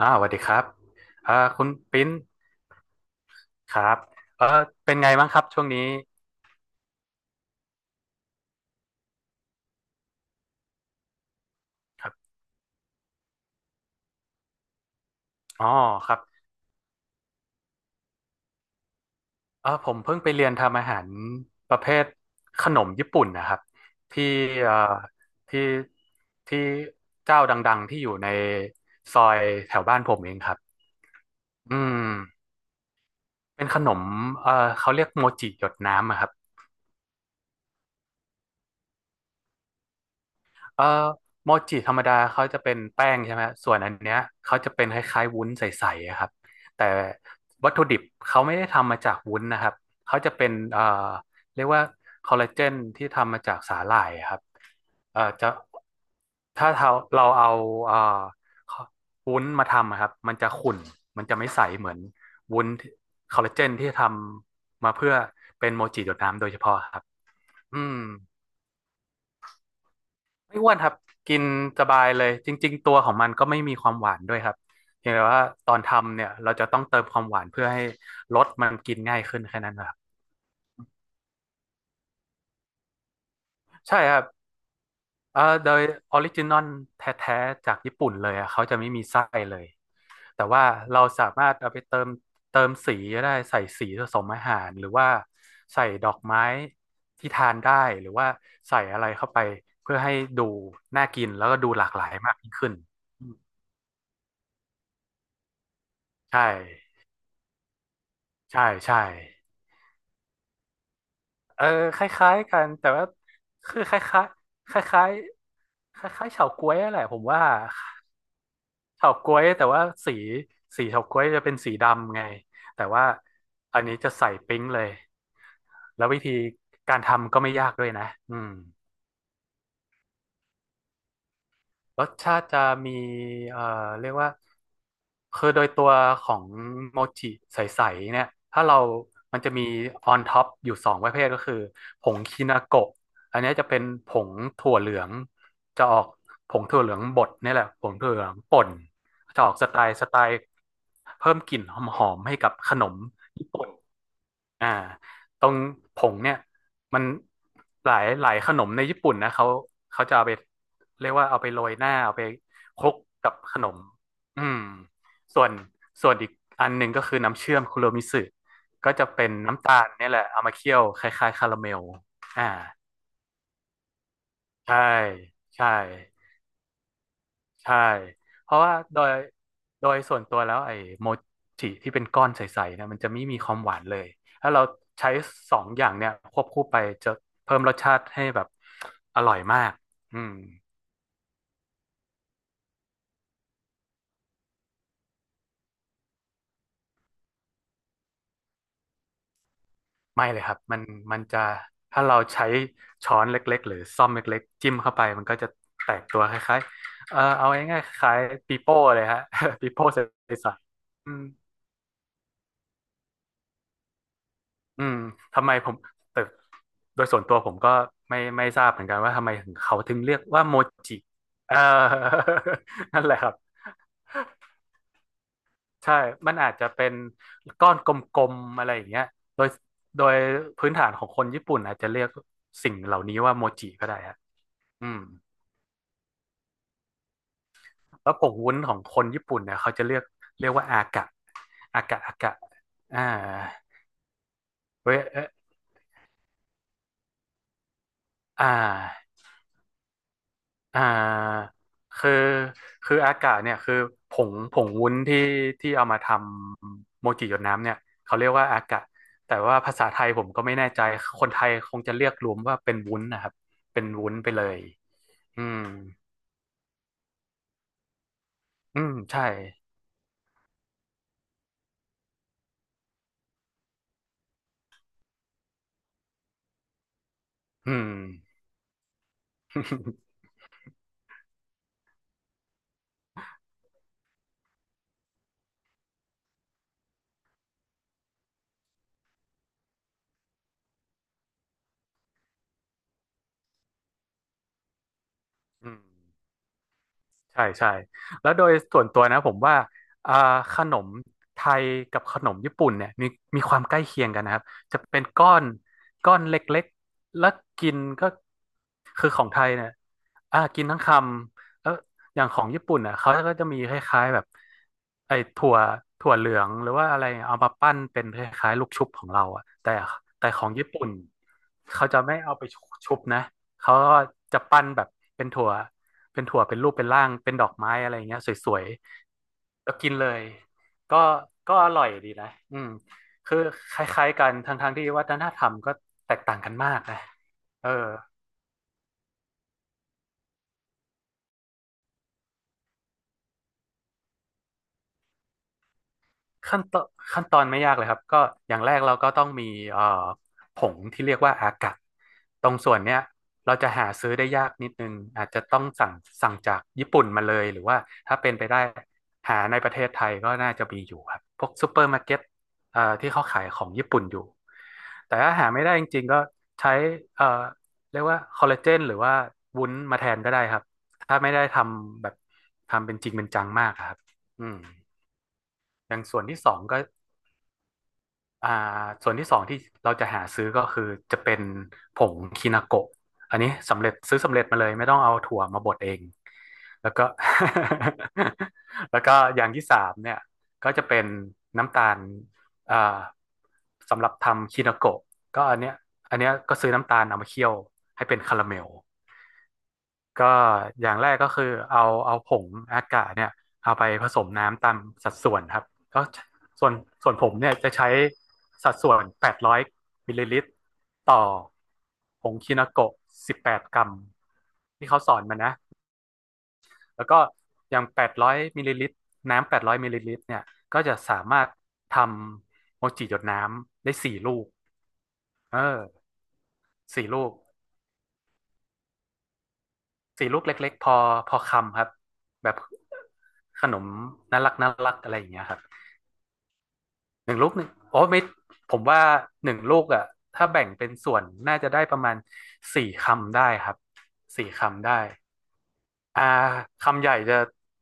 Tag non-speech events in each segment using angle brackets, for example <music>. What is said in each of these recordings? สวัสดีครับคุณปิ้นครับเออเป็นไงบ้างครับช่วงนี้ครับอ๋อครับผมเพิ่งไปเรียนทำอาหารประเภทขนมญี่ปุ่นนะครับที่เอ่อที่ที่เจ้าดังๆที่อยู่ในซอยแถวบ้านผมเองครับอืมเป็นขนมเออเขาเรียกโมจิหยดน้ำอะครับ เอ่อโมจิธรรมดาเขาจะเป็นแป้งใช่ไหมส่วนอันเนี้ยเขาจะเป็นคล้ายๆวุ้นใสๆอะครับแต่วัตถุดิบเขาไม่ได้ทำมาจากวุ้นนะครับเขาจะเป็นเรียกว่าคอลลาเจนที่ทำมาจากสาหร่ายอะครับจะถ้าเราเอาเอ่อวุ้นมาทำอะครับมันจะขุ่นมันจะไม่ใสเหมือนวุ้นคอลลาเจนที่ทำมาเพื่อเป็นโมจิหยดน้ำโดยเฉพาะครับอืม ไม่อ้วนครับกินสบายเลยจริงๆตัวของมันก็ไม่มีความหวานด้วยครับเพียงแต่ว่าตอนทำเนี่ยเราจะต้องเติมความหวานเพื่อให้รสมันกินง่ายขึ้นแค่นั้นนะครับใช่ครับโดยออริจินอลแท้ๆจากญี่ปุ่นเลยอะเขาจะไม่มีไส้เลยแต่ว่าเราสามารถเอาไปเติมสีก็ได้ใส่สีผสมอาหารหรือว่าใส่ดอกไม้ที่ทานได้หรือว่าใส่อะไรเข้าไปเพื่อให้ดูน่ากินแล้วก็ดูหลากหลายมากยิ่งขึ้นอืมใช่ ใช่ใช่ เออคล้ายๆกันแต่ว่าคือคล้ายๆคล้ายๆคล้ายๆเฉาก๊วยแหละผมว่าเฉาก๊วยแต่ว่าสีเฉาก๊วยจะเป็นสีดำไงแต่ว่าอันนี้จะใส่ปิ๊งเลยแล้ววิธีการทำก็ไม่ยากด้วยนะอืม รสชาติจะมีเอ่อเรียกว่าคือโดยตัวของโมจิใสๆเนี่ย ถ้าเรามันจะมีออนท็อปอยู่สองประเภทก็คือ ผงคินาโกะอันนี้จะเป็นผงถั่วเหลือง จะออกผงถั่วเหลืองบดนี่แหละผงถั่วเหลืองป่น จะออกสไตล์เพิ่มกลิ่นหอมๆให้กับขนมญี่ปุ่น อ่าตรงผงเนี่ยมันหลายหลายขนมในญี่ปุ่นนะเขาจะเอาไปเรียกว่าเอาไปโรยหน้าเอาไปคลุกกับขนมอืมส่วนส่วนอีกอันหนึ่งก็คือน้ำเชื่อมคุโรมิสึก็จะเป็นน้ำตาลเนี่ยแหละเอามาเคี่ยวคล้ายๆคาราเมลอ่าใช่ใช่ ใช่เพราะว่าโดยส่วนตัวแล้วไอ้โมจิที่เป็นก้อนใสๆเนี่ยมันจะไม่มีความหวานเลยถ้าเราใช้สองอย่างเนี่ยควบคู่ไปจะเพิ่มรสชาติให้แบบอร่อยมากอืมไม่เลยครับมันจะถ้าเราใช้ช้อนเล็กๆหรือซ่อมเล็กๆจิ้มเข้าไปมันก็จะแตกตัวคล้ายๆเอาง่ายๆคล้ายปีโป้เลยฮะ <laughs> ปีโป้ใสๆอืม อืมทำไมผมแต่โดยส่วนตัวผมก็ไม่ทราบเหมือนกันว่าทำไมถึงเขาถึงเรียกว่าโมจิเออ <laughs> นั่นแหละครับใช่มันอาจจะเป็นก้อนกลมๆอะไรอย่างเงี้ยโดยโดยพื้นฐานของคนญี่ปุ่นอาจจะเรียกสิ่งเหล่านี้ว่าโมจิก็ได้ฮะอืมแล้วผงวุ้นของคนญี่ปุ่นเนี่ยเขาจะเรียกว่าอากะอากะอากะอ่าเว้ยอ่า อ่าคืออากาศเนี่ยคือผงวุ้นที่เอามาทำโมจิหยดน้ำเนี่ยเขาเรียกว่าอากาศแต่ว่าภาษาไทยผมก็ไม่แน่ใจคนไทยคงจะเรียกรวมว่าเป็นวุ้นนะครับเป็นวุ้นไปเลยอืมอืมใช่อืม <laughs> อืม ใช่ใช่แล้วโดยส่วนตัวนะผมว่าอ่าขนมไทยกับขนมญี่ปุ่นเนี่ยมีความใกล้เคียงกันนะครับจะเป็นก้อนเล็กๆแล้วกินก็คือของไทยเนี่ยกินทั้งคำแล้วอย่างของญี่ปุ่นอ่ะเขาก็จะมีคล้ายๆแบบไอ้ถั่วเหลืองหรือว่าอะไรเอามาปั้นเป็นคล้ายๆลูกชุบของเราอ่ะแต่ของญี่ปุ่นเขาจะไม่เอาไปชุบนะ เขาก็จะปั้นแบบเป็นถั่วเป็นรูปเป็นร่างเป็นดอกไม้อะไรเงี้ยสวยๆแล้วกินเลยก็อร่อยดีนะอืมคือคล้ายๆกันทั้งๆที่วัฒนธรรมก็แตกต่างกันมากนะเออ ขั้นตอนไม่ยากเลยครับ ก็อย่างแรกเราก็ต้องมีเอ่อผงที่เรียกว่าอากะตรงส่วนเนี้ยเราจะหาซื้อได้ยากนิดนึง อาจจะต้องสั่งจากญี่ปุ่นมาเลย หรือว่าถ้าเป็นไปได้หาในประเทศไทยก็น่าจะมีอยู่ครับพวกซูเปอร์มาร์เก็ตที่เขาขายของญี่ปุ่นอยู่ แต่ถ้าหาไม่ได้จริงๆก็ใช้เอ่อเรียกว่าคอลลาเจนหรือว่าวุ้นมาแทนก็ได้ครับถ้าไม่ได้ทำแบบทำเป็นจริงเป็นจังมากอะครับอืมอย่างส่วนที่สองก็ อ่าส่วนที่สองที่เราจะหาซื้อก็คือจะเป็นผงคินาโกะอันนี้สำเร็จซื้อสำเร็จมาเลยไม่ต้องเอาถั่วมาบดเองแล้วก็ <laughs> แล้วก็อย่างที่สามเนี่ยก็จะเป็นน้ำตาลอ่าสำหรับทำคินาโกะก็อันเนี้ยอันเนี้ยก็ซื้อน้ำตาลเอามาเคี่ยวให้เป็นคาราเมล ก็อย่างแรกก็คือเอาผงอากาศเนี่ยเอาไปผสมน้ำตามสัดส่วนครับก็ส่วนส่วนผมเนี่ยจะใช้สัดส่วน 800 มิลลิลิตรต่อผงคินาโกะ18 กรัมที่เขาสอนมานะแล้วก็อย่าง800 มิลลิลิตรน้ำ 800 มิลลิลิตรเนี่ยก็จะสามารถทำโมจิหยดน้ำได้สี่ลูกเออสี่ลูก สี่ลูกเล็กๆพอพอคำครับแบบขนมน่ารักน่ารักอะไรอย่างเงี้ยครับหนึ่งลูกหนึ่งโอ้ไม่ผมว่าหนึ่งลูกอ่ะถ้าแบ่งเป็นส่วนน่าจะได้ประมาณสี่คำได้ครับสี่คำได้อ่าคำใหญ่จะ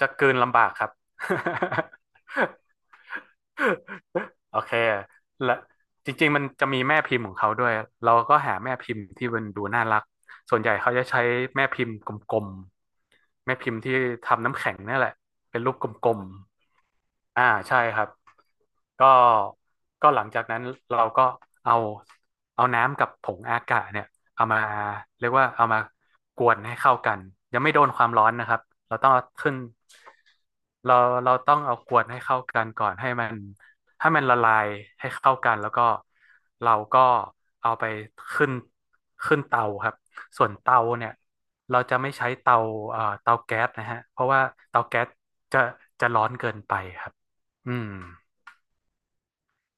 จะกลืนลำบากครับ <laughs> โอเคและจริงๆมันจะมีแม่พิมพ์ของเขาด้วยเราก็หาแม่พิมพ์ที่มันดูน่ารักส่วนใหญ่เขาจะใช้แม่พิมพ์กลม แม่พิมพ์ที่ทำน้ำแข็งนี่แหละเป็นรูปกลมๆ ใช่ครับก็ก็หลังจากนั้นเราก็เอาน้ำกับผงอากาศเนี่ยเอามาเรียกว่าเอามากวนให้เข้ากันยังไม่โดนความร้อนนะครับเราต้องเอาขึ้นเราเราต้องเอากวนให้เข้ากันก่อนให้มัน ให้มันละลายให้เข้ากันแล้วก็เราก็เอาไปขึ้นเตาครับส่วนเตาเนี่ยเราจะไม่ใช้เตาเตาแก๊สนะฮะเพราะว่าเตาแก๊สจะจะร้อนเกินไปครับอืม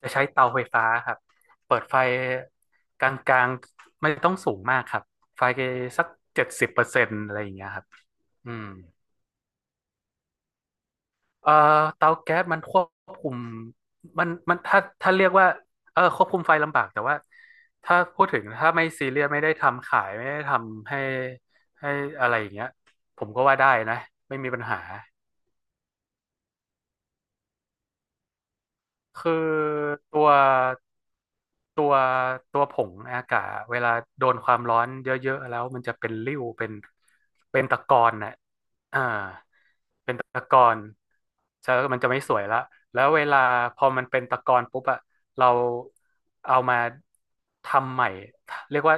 จะใช้เตาไฟฟ้าครับเปิดไฟกลางๆไม่ต้องสูงมากครับไฟสัก70%อะไรอย่างเงี้ยครับอืม เอ่อเตาแก๊สมันควบคุมมันถ้าเรียกว่าเออควบคุมไฟลำบากแต่ว่าถ้าพูดถึงถ้าไม่ซีเรียสไม่ได้ทำขายไม่ได้ทำให้ให้อะไรอย่างเงี้ยผมก็ว่าได้นะไม่มีปัญหา คือตัวตัวตัวผงอากาศเวลาโดนความร้อนเยอะๆแล้วมันจะเป็นริ้วเป็นเป็นตะกอนน่ะอ่าเป็นตะกอนใช่แล้วมันจะไม่สวยละแล้วเวลาพอมันเป็นตะกอนปุ๊บอะเราเอามาทำใหม่เรียกว่า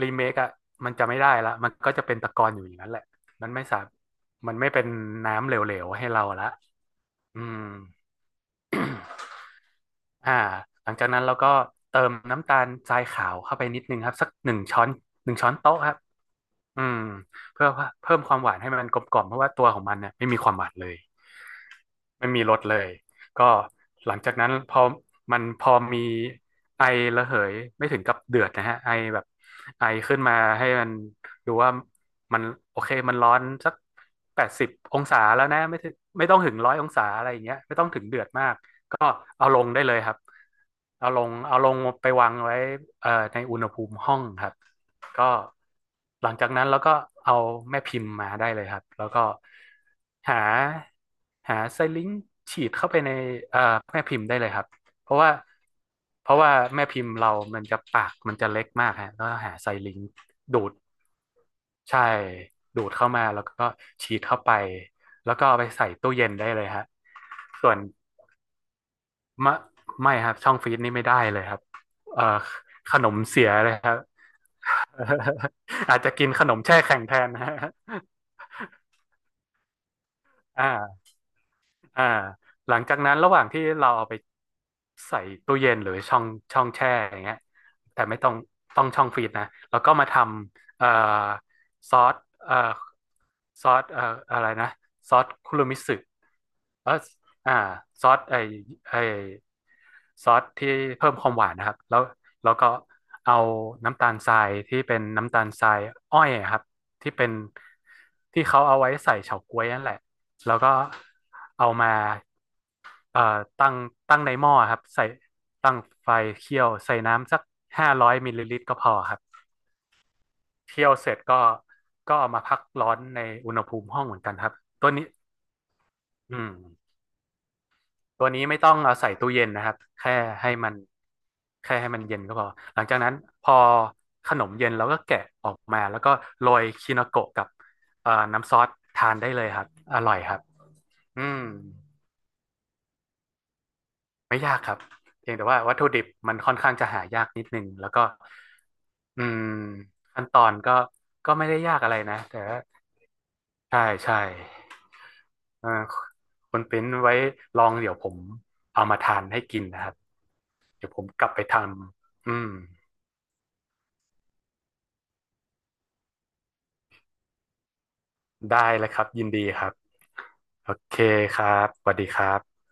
รีเมคอะมันจะไม่ได้ละมันก็จะเป็นตะกอนอยู่อย่างนั้นแหละมันไม่สามันไม่เป็นน้ำเหลวๆให้เราละอืม <coughs> อ่าหลังจากนั้นเราก็เติมน้ำตาลทรายขาวเข้าไปนิดนึงครับสักหนึ่งช้อน1 ช้อนโต๊ะครับอืมเพื่อเพิ่มความหวานให้มันกลมกล่อมเพราะว่าตัวของมันเนี่ยไม่มีความหวานเลย ไม่มีรถเลยก็หลังจากนั้นพอมันพอมีไอระเหยไม่ถึงกับเดือดนะฮะไอแบบไอขึ้นมาให้มันดูว่ามันโอเคมันร้อนสัก80 องศาแล้วนะไม่ถึงไม่ต้องถึง100 องศาอะไรอย่างเงี้ยไม่ต้องถึงเดือดมากก็เอาลงได้เลยครับเอาลงเอาลงไปวางไว้ในอุณหภูมิห้องครับ ก็หลังจากนั้นเราก็เอาแม่พิมพ์มาได้เลยครับแล้วก็หาไซลิงค์ฉีดเข้าไปในเอ่อแม่พิมพ์ได้เลยครับเพราะว่าแม่พิมพ์เรามันจะปากมันจะเล็กมากฮะแล้วหาไซลิงค์ดูดใช่ดูดเข้ามาแล้วก็ฉีดเข้าไปแล้วก็เอาไปใส่ตู้เย็นได้เลยฮะส่วนมะไม่ครับช่องฟรีซนี่ไม่ได้เลยครับเอ่อขนมเสียเลยครับ <laughs> อาจจะกินขนมแช่แข็งแทนนะ <laughs> ฮะอ่าอ่าหลังจากนั้นระหว่างที่เราเอาไปใส่ตู้เย็นหรือช่องแช่อย่างเงี้ยแต่ไม่ต้องต้องช่องฟรีซนะแล้วก็มาทำซอสเอ่อซอสอะไรนะซอสคุรุมิสึ เอออ่าซอสไอไอซอสที่เพิ่มความหวานนะครับแล้วแล้วก็เอาน้ำตาลทรายที่เป็นน้ำตาลทรายอ้อยอะครับที่เป็นที่เขาเอาไว้ใส่เฉาก๊วยนั่นแหละแล้วก็เอามาเอ่อตั้งตั้งในหม้อครับใส่ตั้งไฟเคี่ยวใส่น้ำสัก500 มิลลิลิตรก็พอครับเคี่ยวเสร็จก็ก็เอามาพักร้อนในอุณหภูมิห้องเหมือนกันครับตัวนี้อืม ตัวนี้ไม่ต้องเอาใส่ตู้เย็นนะครับแค่ให้มันเย็นก็พอหลังจากนั้นพอขนมเย็นเราก็แกะออกมาแล้วก็โรยคิโนโกะกับน้ำซอสทานได้เลยครับอร่อยครับอืมไม่ยากครับเพียงแต่ว่าวัตถุดิบมันค่อนข้างจะหายากนิดนึงแล้วก็อืมขั้นตอนก็ก็ไม่ได้ยากอะไรนะแต่ว่าใช่ใช่เออคุณปิ้นไว้ลองเดี๋ยวผมเอามาทานให้กินนะครับเดี๋ยวผมกลับไปทำอืม ได้เลยครับยินดีครับโอเคครับสวัสดีครับ